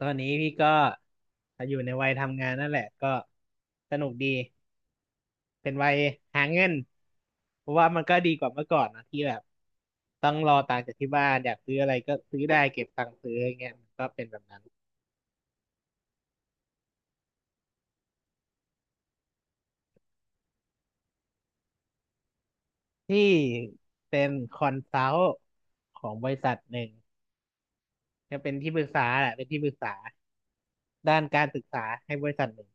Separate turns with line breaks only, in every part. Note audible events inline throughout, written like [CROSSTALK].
ตอนนี้พี่ก็อยู่ในวัยทำงานนั่นแหละก็สนุกดีเป็นวัยหาเงินเพราะว่ามันก็ดีกว่าเมื่อก่อนนะที่แบบต้องรอตังค์จากที่บ้านอยากซื้ออะไรก็ซื้อได้เก็บตังค์ซื้ออย่างเงี้ยมันก็เป็นแบบนั้นที่เป็นคอนซัลท์ของบริษัทหนึ่งจะเป็นที่ปรึกษาแหละเป็นที่ปรึกษาด้านการศึกษาให้บริษัทหนึ่ง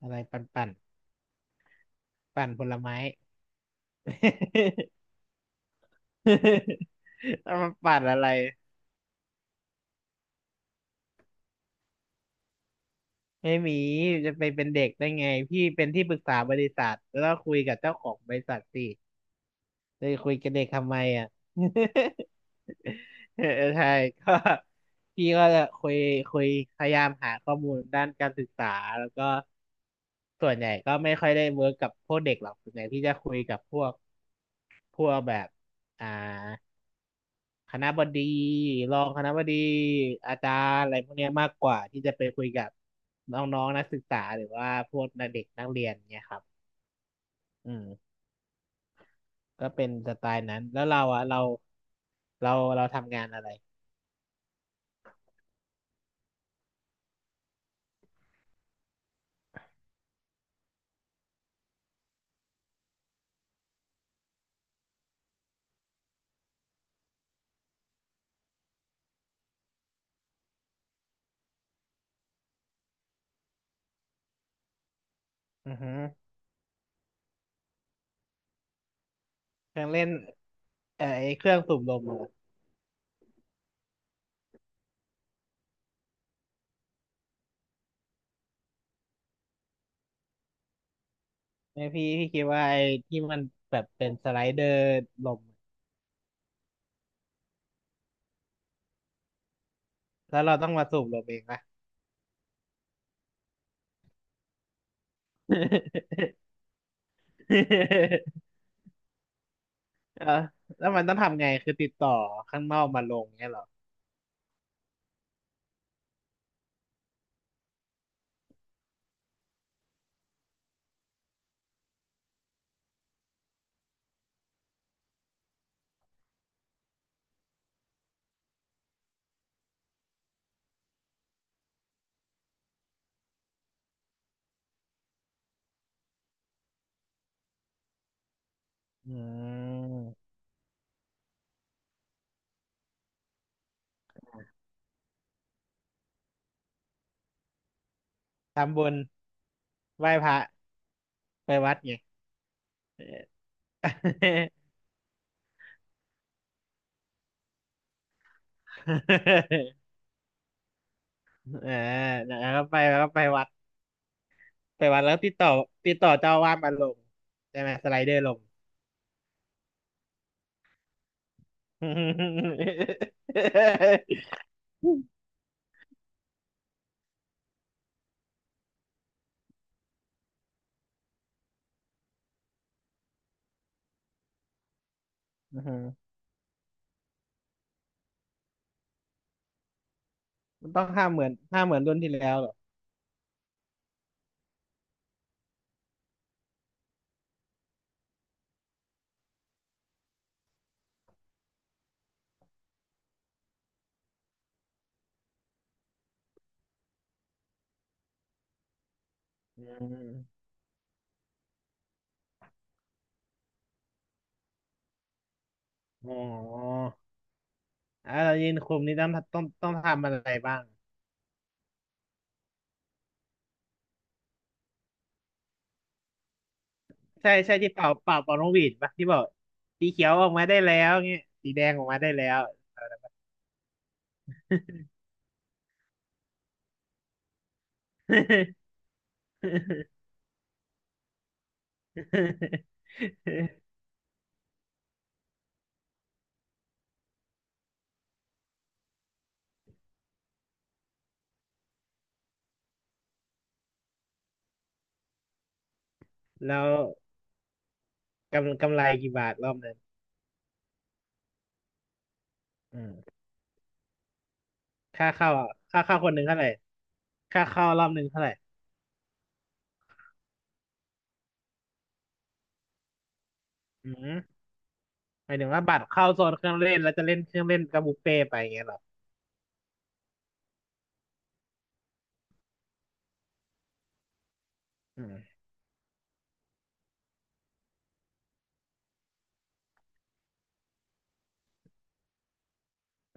อะไรปั่นปั่นปั่นผลไม้ [LAUGHS] เอามาปั่นอะไร ไม่มีจะไปเป็นเด็กได้ไงพี่เป็นที่ปรึกษาบริษัทแล้วก็คุยกับเจ้าของบริษัทสิจะคุยกับเด็กทำไมอ่ะ [LAUGHS] เออใช่ก็พี่ก็จะคุยพยายามหาข้อมูลด้านการศึกษาแล้วก็ส่วนใหญ่ก็ไม่ค่อยได้เวิร์กกับพวกเด็กหรอกส่วนใหญ่พี่จะคุยกับพวกแบบอ่า คณะบดีรองคณะบดีอาจารย์อะไรพวกเนี้ยมากกว่าที่จะไปคุยกับน้องๆนักศึกษาหรือว่าพวกเด็กนักเรียนเนี่ยครับอืมก็เป็นสไตล์นั้นแล้วเราอะเราเราทำงานอะไรอือฮึเครื่องเล่นไอ้เครื่องสูบลมอะไม่พี่คิดว่าไอ้ที่มันแบบเป็นสไลเดอร์ลมแล้วเราต้องมาสูบลมเองปะ [LAUGHS] เออแล้วมันต้องทำไงคือติดต่อข้างนอกมาลงเงี้ยเหรออืม ทำบุญไหว้พระไปวัดไง [LAUGHS] อ่าแล้วก็ไปแล้วก็ไปวัดไปวัดแล้วติดต่อติดต่อเจ้าอาวาสมาลงใช่ไหมสไลเดอร์ลง [LAUGHS] อือฮึมันต้องห้าหมื่นรุ่นที่แล้วเหรออืมอ๋ออ่ะเรายืนคุมนี่ต้องทำอะไรบ้างใช่ใช่ที่เป่าเป่าเป่านกหวีดปะที่บอกสีเขียวออกมาได้แล้วเงี้ยสีแดงออกมาได้แล้ว [LAUGHS] [LAUGHS] แล้วกำไรกี่บาทรอบหนึ่งอืมค่าเข้าอะค่าเข้าคนหนึ่งเท่าไหร่ค่าเข้ารอบหนึ่งเท่าไหร่อืมหมายถึงว่าบัตรเข้าโซนเครื่องเล่นแล้วจะเล่นเครื่องเล่นกับบุฟเฟ่ต์ไปอย่างเงี้ยเหรออืม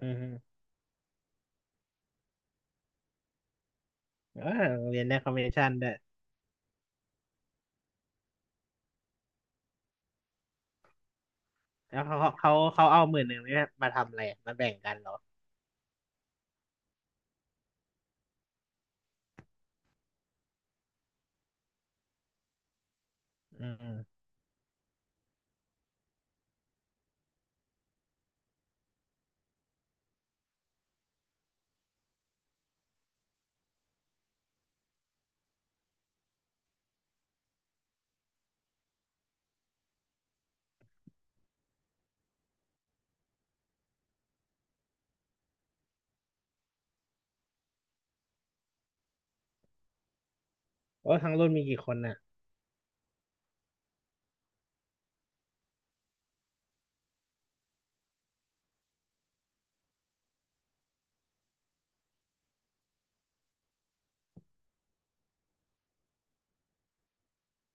อืมเออโรงเรียนได้คอมมิชชั่นด้วยแล้วเขาเอาหมื่นหนึ่งนี่มาทำอะไรอะมาแบ่งกันเหรออืมอืมโอ้ทั้งรุ่นมีกี่คนน่ะ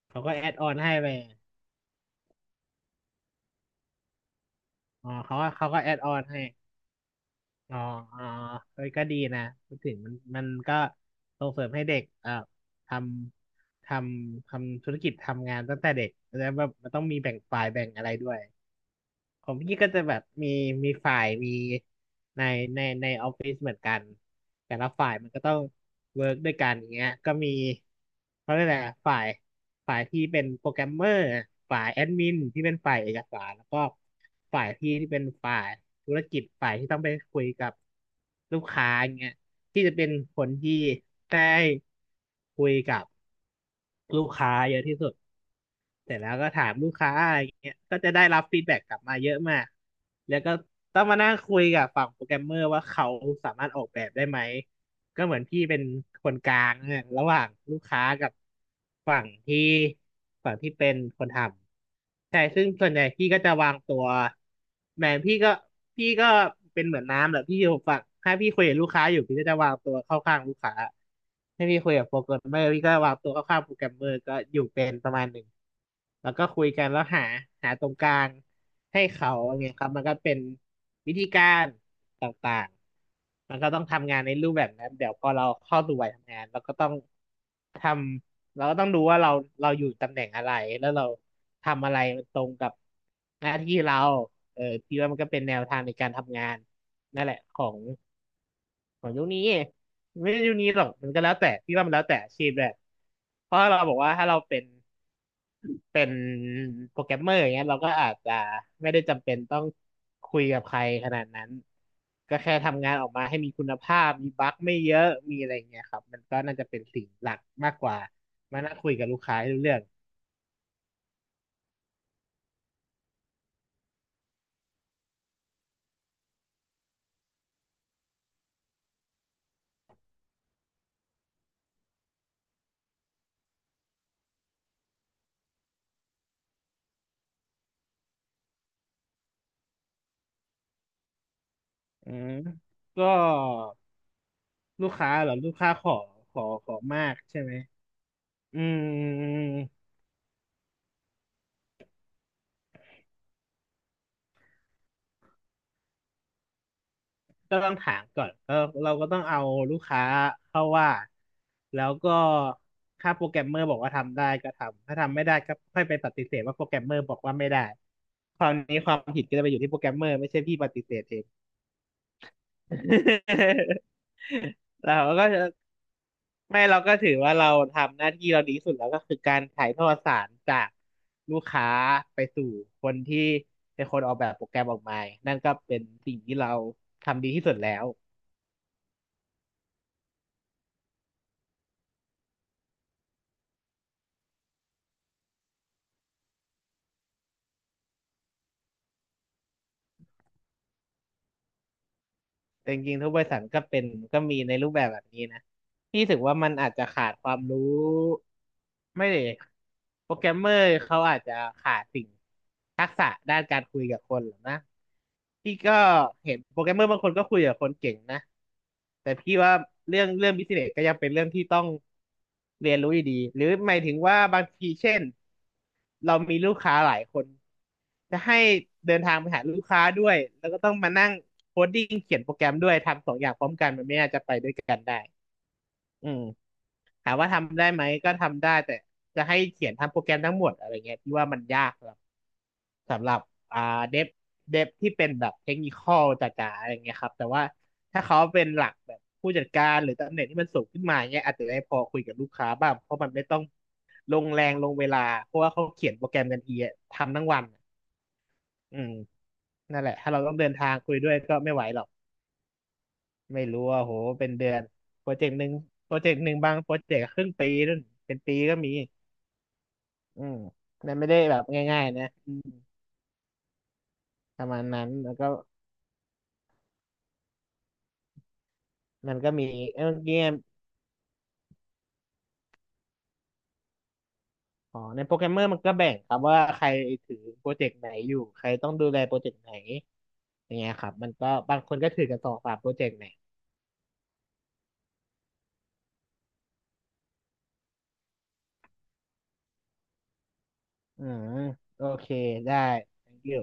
เขาก็แอดออนให้ไปอ๋อเขาก็แอดออนให้ อ๋ออ๋อเฮ้ยก็ดีนะพูดถึงมันมันก็ส่งเสริมให้เด็กทำททำธุรกิจทำงานตั้งแต่เด็กแล้วแบบมันต้องมีแบ่งฝ่ายแบ่งอะไรด้วย ของพี่ก็จะแบบมีฝ่ายมีในในในออฟฟิศเหมือนกันแต่ละฝ่ายมันก็ต้องเวิร์กด้วยกันอย่างเงี้ยก็มีเขาเรียกอะไรอะฝ่ายที่เป็นโปรแกรมเมอร์ฝ่ายแอดมินที่เป็นฝ่ายเอกสารแล้วก็ฝ่ายพี่ที่เป็นฝ่ายธุรกิจฝ่ายที่ต้องไปคุยกับลูกค้าอย่างเงี้ยที่จะเป็นคนที่ได้คุยกับลูกค้าเยอะที่สุด เสร็จแล้วก็ถามลูกค้าอะไรเงี้ยก็จะได้รับฟีดแบ็กกลับมาเยอะมาก แล้วก็ต้องมานั่งคุยกับฝั่งโปรแกรมเมอร์ว่าเขาสามารถออกแบบได้ไหม ก็เหมือนพี่เป็นคนกลางเนี่ยระหว่างลูกค้ากับฝั่งที่ฝั่งที่เป็นคนทำ ใช่ซึ่งส่วนใหญ่พี่ก็จะวางตัวแหมพี่ก็เป็นเหมือนน้ำแหละพี่อยู่ฝั่งถ้าพี่คุยกับลูกค้าอยู่พี่ก็จะวางตัวเข้าข้างลูกค้าให้าพี่คุยกับโปรแกรมเมอร์พี่ก็วางตัวเข้าข้างโปรแกรมเมอร์ก็อยู่เป็นประมาณหนึ่งแล้วก็คุยกันแล้วหาตรงกลางให้เขาอย่างเงี้ยครับมันก็เป็นวิธีการต่างๆ มันก็ต้องทำงานในรูปแบบนั้นเดี๋ยวพอเราเข้าสู่วัยทำงานเราก็ต้องทำเราก็ต้องดูว่าเราเราอยู่ตำแหน่งอะไรแล้วเราทำอะไรมันตรงกับหน้าที่เราเออพี่ว่ามันก็เป็นแนวทางในการทำงานนั่นแหละของของยุคนี้ไม่ใช่ยุคนี้หรอกมันก็แล้วแต่พี่ว่ามันแล้วแต่อาชีพแหละเพราะเราบอกว่าถ้าเราเป็น เป็นโปรแกรมเมอร์อย่างเงี้ยเราก็อาจจะไม่ได้จำเป็นต้องคุยกับใครขนาดนั้นก็แค่ทำงานออกมาให้มีคุณภาพมีบั๊กไม่เยอะมีอะไรอย่างเงี้ยครับมันก็น่าจะเป็นสิ่งหลักมากกว่ามานั่งคุยกับลูกค้าให้รู้เรื่องอืมก็ลูกค้าเหรอลูกค้าขอขอมากใช่ไหมอืม ก็ต้องถามก่อนเออเราก็ต้องเอาลูกค้าเข้าว่าแล้วก็ถ้าโปรแกรมเมอร์บอกว่าทำได้ก็ทำถ้าทำไม่ได้ก็ค่อยไปปฏิเสธว่าโปรแกรมเมอร์บอกว่าไม่ได้คราวนี้ความผิดก็จะไปอยู่ที่โปรแกรมเมอร์ไม่ใช่พี่ปฏิเสธเอง [LAUGHS] เราก็จะไม่เราก็ถือว่าเราทำหน้าที่เราดีที่สุดแล้วก็คือการถ่ายทอดสารจากลูกค้าไปสู่คนที่เป็นคนออกแบบโปรแกรมออกมานั่นก็เป็นสิ่งที่เราทำดีที่สุดแล้ว แต่จริงๆทุกบริษัทก็เป็นก็มีในรูปแบบแบบนี้นะพี่รู้สึกว่ามันอาจจะขาดความรู้ไม่เลยโปรแกรมเมอร์เขาอาจจะขาดสิ่งทักษะด้านการคุยกับคนหรอกนะพี่ก็เห็นโปรแกรมเมอร์บางคนก็คุยกับคนเก่งนะแต่พี่ว่าเรื่องบิสเนสก็ยังเป็นเรื่องที่ต้องเรียนรู้อยู่ดีหรือหมายถึงว่าบางทีเช่น เรามีลูกค้าหลายคนจะให้เดินทางไปหาลูกค้าด้วยแล้วก็ต้องมานั่งโคดดิ้งเขียนโปรแกรมด้วยทำสองอย่างพร้อมกันมันไม่น่าจะไปด้วยกันได้อืมถามว่าทำได้ไหมก็ทำได้แต่จะให้เขียนทำโปรแกรมทั้งหมดอะไรเงี้ยที่ว่ามันยาก สำหรับอ่าเดฟเดฟที่เป็นแบบเทคนิคอลจ๋าๆอะไรเงี้ยครับแต่ว่าถ้าเขาเป็นหลักแบบผู้จัดการหรือตำแหน่งที่มันสูงขึ้นมาเงี้ยอาจจะได้พอคุยกับลูกค้าบ้างเพราะมันไม่ต้องลงแรงลงเวลาเพราะว่าเขาเขียนโปรแกรมกันเองอะทำทั้งวันอะอืมนั่นแหละถ้าเราต้องเดินทางคุยด้วยก็ไม่ไหวหรอกไม่รู้ว่าโหเป็นเดือนโปรเจกต์หนึ่งโปรเจกต์หนึ่งบางโปรเจกต์ครึ่งปีนู่นเป็นปีก็มีอืมนั่นไม่ได้แบบง่ายๆนะอืมประมาณนั้นแล้วก็มันก็มีเอ้ยเมื่อกี้ อ๋อในโปรแกรมเมอร์มันก็แบ่งครับว่าใครถือโปรเจกต์ไหนอยู่ใครต้องดูแลโปรเจกต์ไหนอย่างเงี้ยครับมันก็บางคนก็ถือกันสองสามโปรเจกต์เนี่ยอืมโอเคได้ thank you